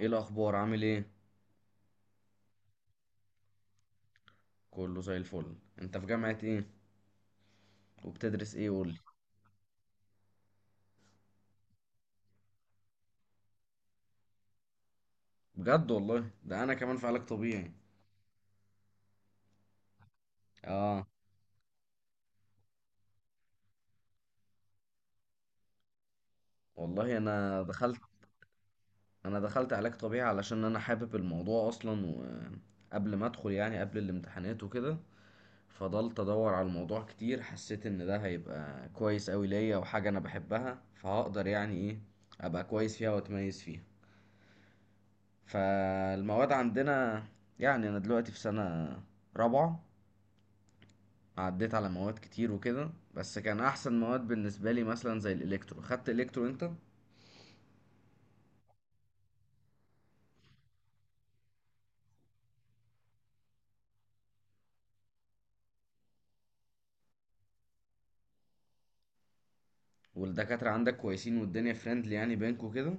ايه الاخبار؟ عامل ايه؟ كله زي الفل. انت في جامعة ايه؟ وبتدرس ايه قولي؟ بجد والله؟ ده انا كمان في علاج طبيعي. اه والله. انا دخلت، انا دخلت علاج طبيعي علشان انا حابب الموضوع اصلا، وقبل ما ادخل يعني قبل الامتحانات وكده فضلت ادور على الموضوع كتير. حسيت ان ده هيبقى كويس قوي ليا وحاجة انا بحبها، فهقدر يعني ايه ابقى كويس فيها واتميز فيها. فالمواد عندنا، يعني انا دلوقتي في سنة رابعة، عديت على مواد كتير وكده، بس كان احسن مواد بالنسبه لي مثلا زي الالكترو. خدت الكترو انت؟ والدكاتره عندك كويسين والدنيا فريندلي يعني بينكوا كده؟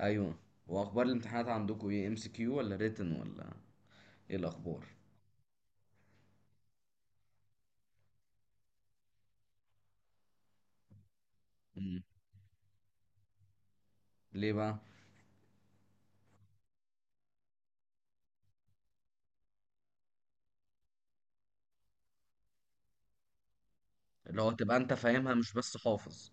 ايوه. واخبار الامتحانات عندكوا ايه؟ ام سي كيو ولا ريتن ولا ايه الاخبار؟ مم. ليه بقى؟ اللي هو تبقى انت فاهمها مش بس حافظ.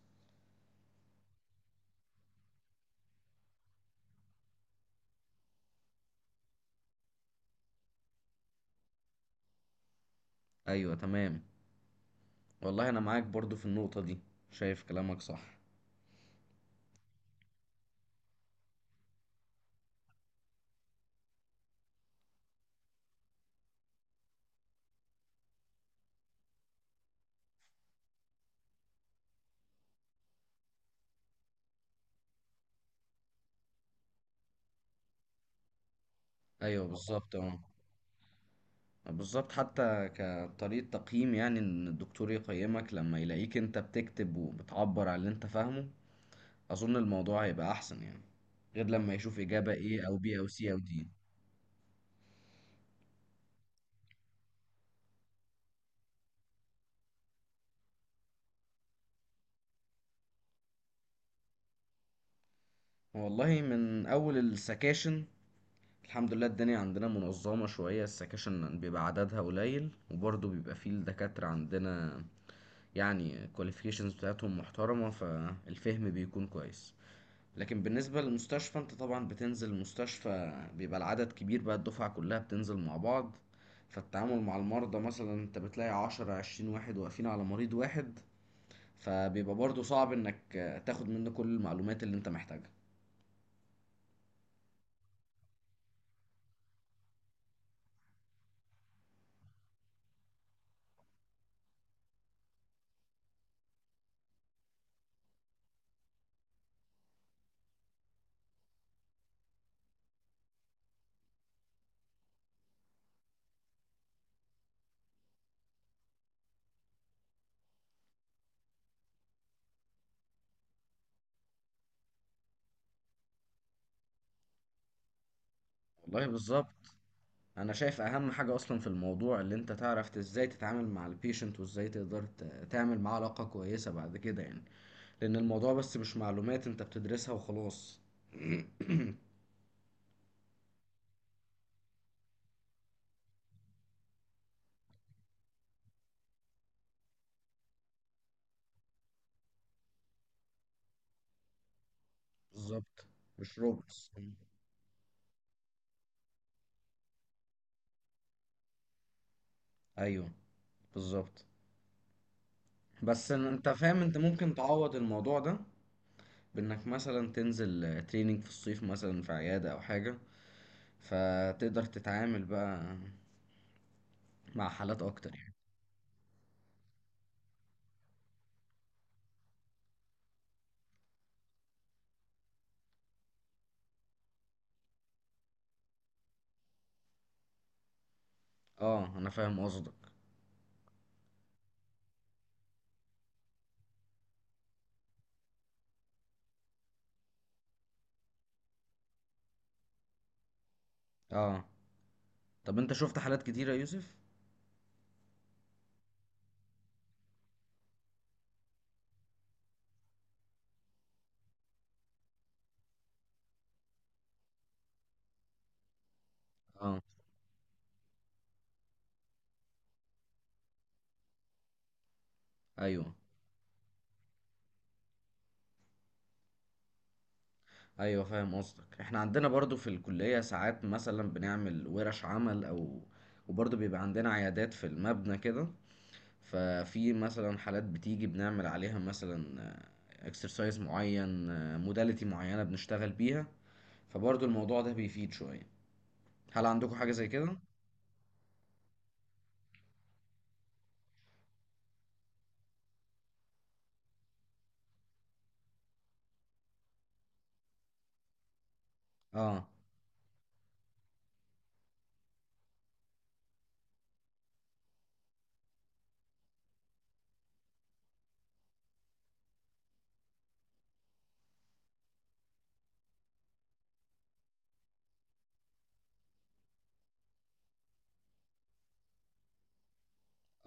ايوه تمام. والله انا معاك برضو في النقطه دي، شايف كلامك صح. ايوه بالظبط. اه بالظبط، حتى كطريقه تقييم، يعني ان الدكتور يقيمك لما يلاقيك انت بتكتب وبتعبر عن اللي انت فاهمه، أظن الموضوع هيبقى أحسن يعني، غير لما يشوف إجابة A أو B أو C أو D. والله من أول السكاشن الحمد لله الدنيا عندنا منظمة شوية. السكاشن بيبقى عددها قليل، وبرضه بيبقى فيه الدكاترة عندنا يعني qualifications بتاعتهم محترمة، فالفهم بيكون كويس. لكن بالنسبة للمستشفى، انت طبعا بتنزل المستشفى بيبقى العدد كبير بقى، الدفعة كلها بتنزل مع بعض. فالتعامل مع المرضى مثلا انت بتلاقي عشرة عشرين واحد واقفين على مريض واحد، فبيبقى برضو صعب انك تاخد منه كل المعلومات اللي انت محتاجها. والله بالظبط. انا شايف اهم حاجة اصلا في الموضوع اللي انت تعرف ازاي تتعامل مع البيشنت، وازاي تقدر تعمل معاه علاقة كويسة بعد كده يعني. لان الموضوع بس مش معلومات انت بتدرسها وخلاص. بالظبط. مش روبوتس. ايوه بالظبط. بس إن انت فاهم، انت ممكن تعوض الموضوع ده بانك مثلا تنزل تريننج في الصيف مثلا في عيادة او حاجة، فتقدر تتعامل بقى مع حالات اكتر يعني. اه انا فاهم قصدك. اه طب انت شفت حالات كتيرة يا يوسف؟ اه. ايوه. ايوه فاهم قصدك. احنا عندنا برضو في الكلية ساعات مثلا بنعمل ورش عمل او، وبرضو بيبقى عندنا عيادات في المبنى كده، ففي مثلا حالات بتيجي بنعمل عليها مثلا اكسرسايز معين، موداليتي معينة بنشتغل بيها، فبرضو الموضوع ده بيفيد شوية. هل عندكم حاجة زي كده؟ اه.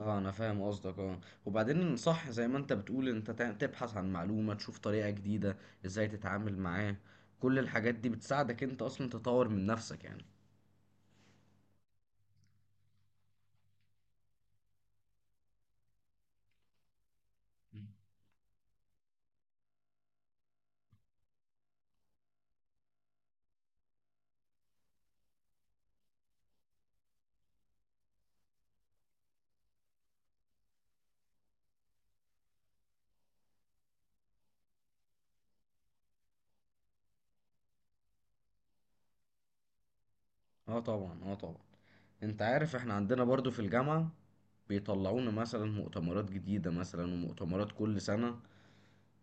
اه انا فاهم قصدك. اه وبعدين صح زي ما انت بتقول انت تبحث عن معلومة، تشوف طريقة جديدة ازاي تتعامل معاه، كل الحاجات دي بتساعدك انت اصلا تطور من نفسك يعني. مم. اه طبعا. اه طبعا. انت عارف احنا عندنا برضو في الجامعة بيطلعونا مثلا مؤتمرات جديدة مثلا، ومؤتمرات كل سنة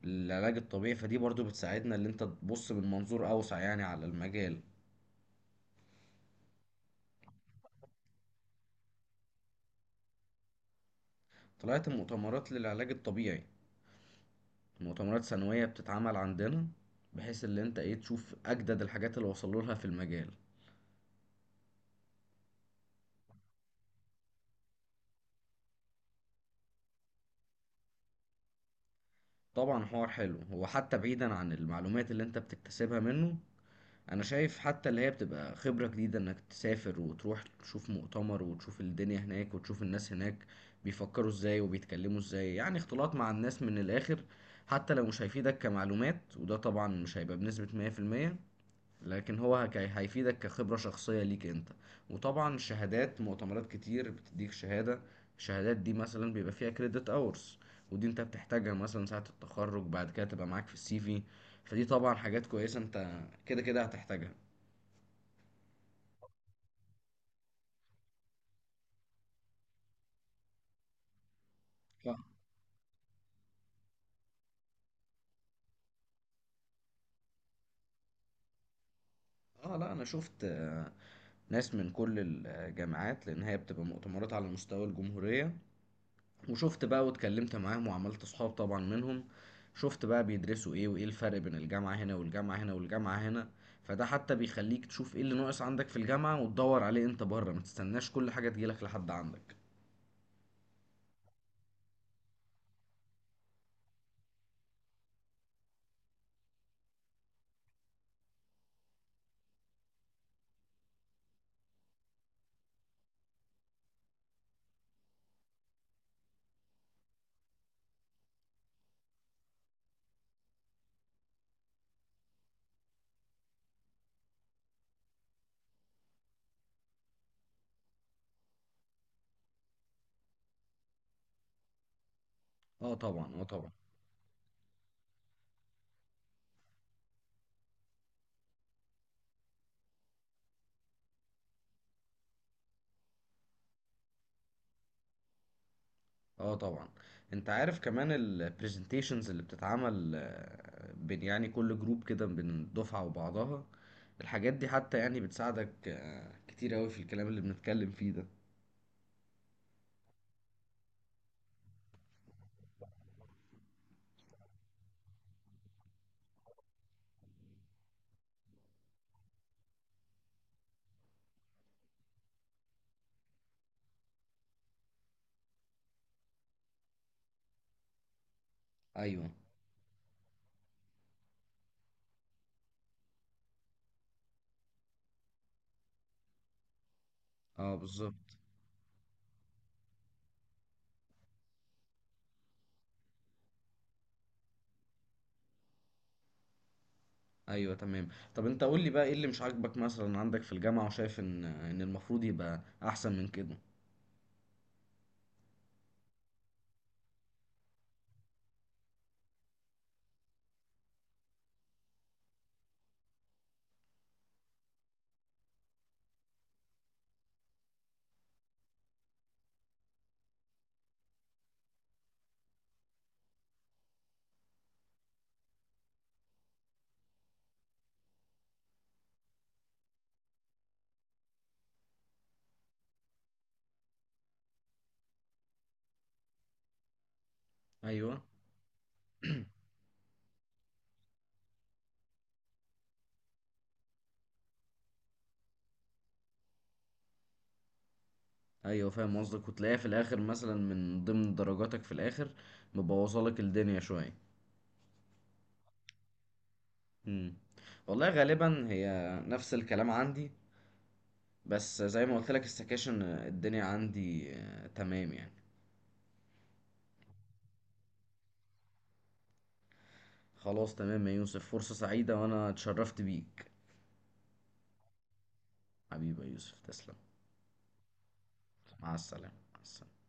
للعلاج الطبيعي، فدي برضو بتساعدنا اللي انت تبص من منظور اوسع يعني على المجال. طلعت مؤتمرات للعلاج الطبيعي، مؤتمرات سنوية بتتعمل عندنا، بحيث اللي انت ايه تشوف اجدد الحاجات اللي وصلوا لها في المجال. طبعا حوار حلو، هو حتى بعيدا عن المعلومات اللي انت بتكتسبها منه، انا شايف حتى اللي هي بتبقى خبرة جديدة انك تسافر وتروح تشوف مؤتمر وتشوف الدنيا هناك وتشوف الناس هناك بيفكروا ازاي وبيتكلموا ازاي، يعني اختلاط مع الناس من الاخر. حتى لو مش هيفيدك كمعلومات، وده طبعا مش هيبقى بنسبة 100%، لكن هو هيفيدك كخبرة شخصية ليك انت. وطبعا شهادات مؤتمرات كتير بتديك شهادة، الشهادات دي مثلا بيبقى فيها كريدت اورز، ودي انت بتحتاجها مثلا ساعة التخرج، بعد كده تبقى معاك في السي في، فدي طبعا حاجات كويسة انت كده كده هتحتاجها. ف... اه لا انا شفت ناس من كل الجامعات، لان هي بتبقى مؤتمرات على مستوى الجمهورية. وشفت بقى واتكلمت معاهم وعملت صحاب طبعا منهم، شفت بقى بيدرسوا ايه وايه الفرق بين الجامعة هنا والجامعة هنا والجامعة هنا، فده حتى بيخليك تشوف ايه اللي ناقص عندك في الجامعة وتدور عليه انت بره، ما تستناش كل حاجة تجيلك لحد عندك. اه طبعا. اه طبعا. اه طبعا. انت عارف كمان البرزنتيشنز اللي بتتعمل بين يعني كل جروب كده بين الدفعة وبعضها، الحاجات دي حتى يعني بتساعدك كتير اوي في الكلام اللي بنتكلم فيه ده. ايوه. اه بالظبط. ايوه تمام. طب انت قول لي بقى ايه اللي مش عاجبك مثلا عندك في الجامعه، وشايف ان المفروض يبقى احسن من كده؟ ايوه. ايوه فاهم قصدك، وتلاقيها في الاخر مثلا من ضمن درجاتك في الاخر، مبوظه لك الدنيا شويه. امم والله غالبا هي نفس الكلام عندي، بس زي ما قلت لك السكاشن الدنيا عندي تمام يعني. خلاص تمام يا يوسف، فرصه سعيده وانا اتشرفت بيك. حبيبي يا يوسف تسلم. مع السلامه، مع السلامة.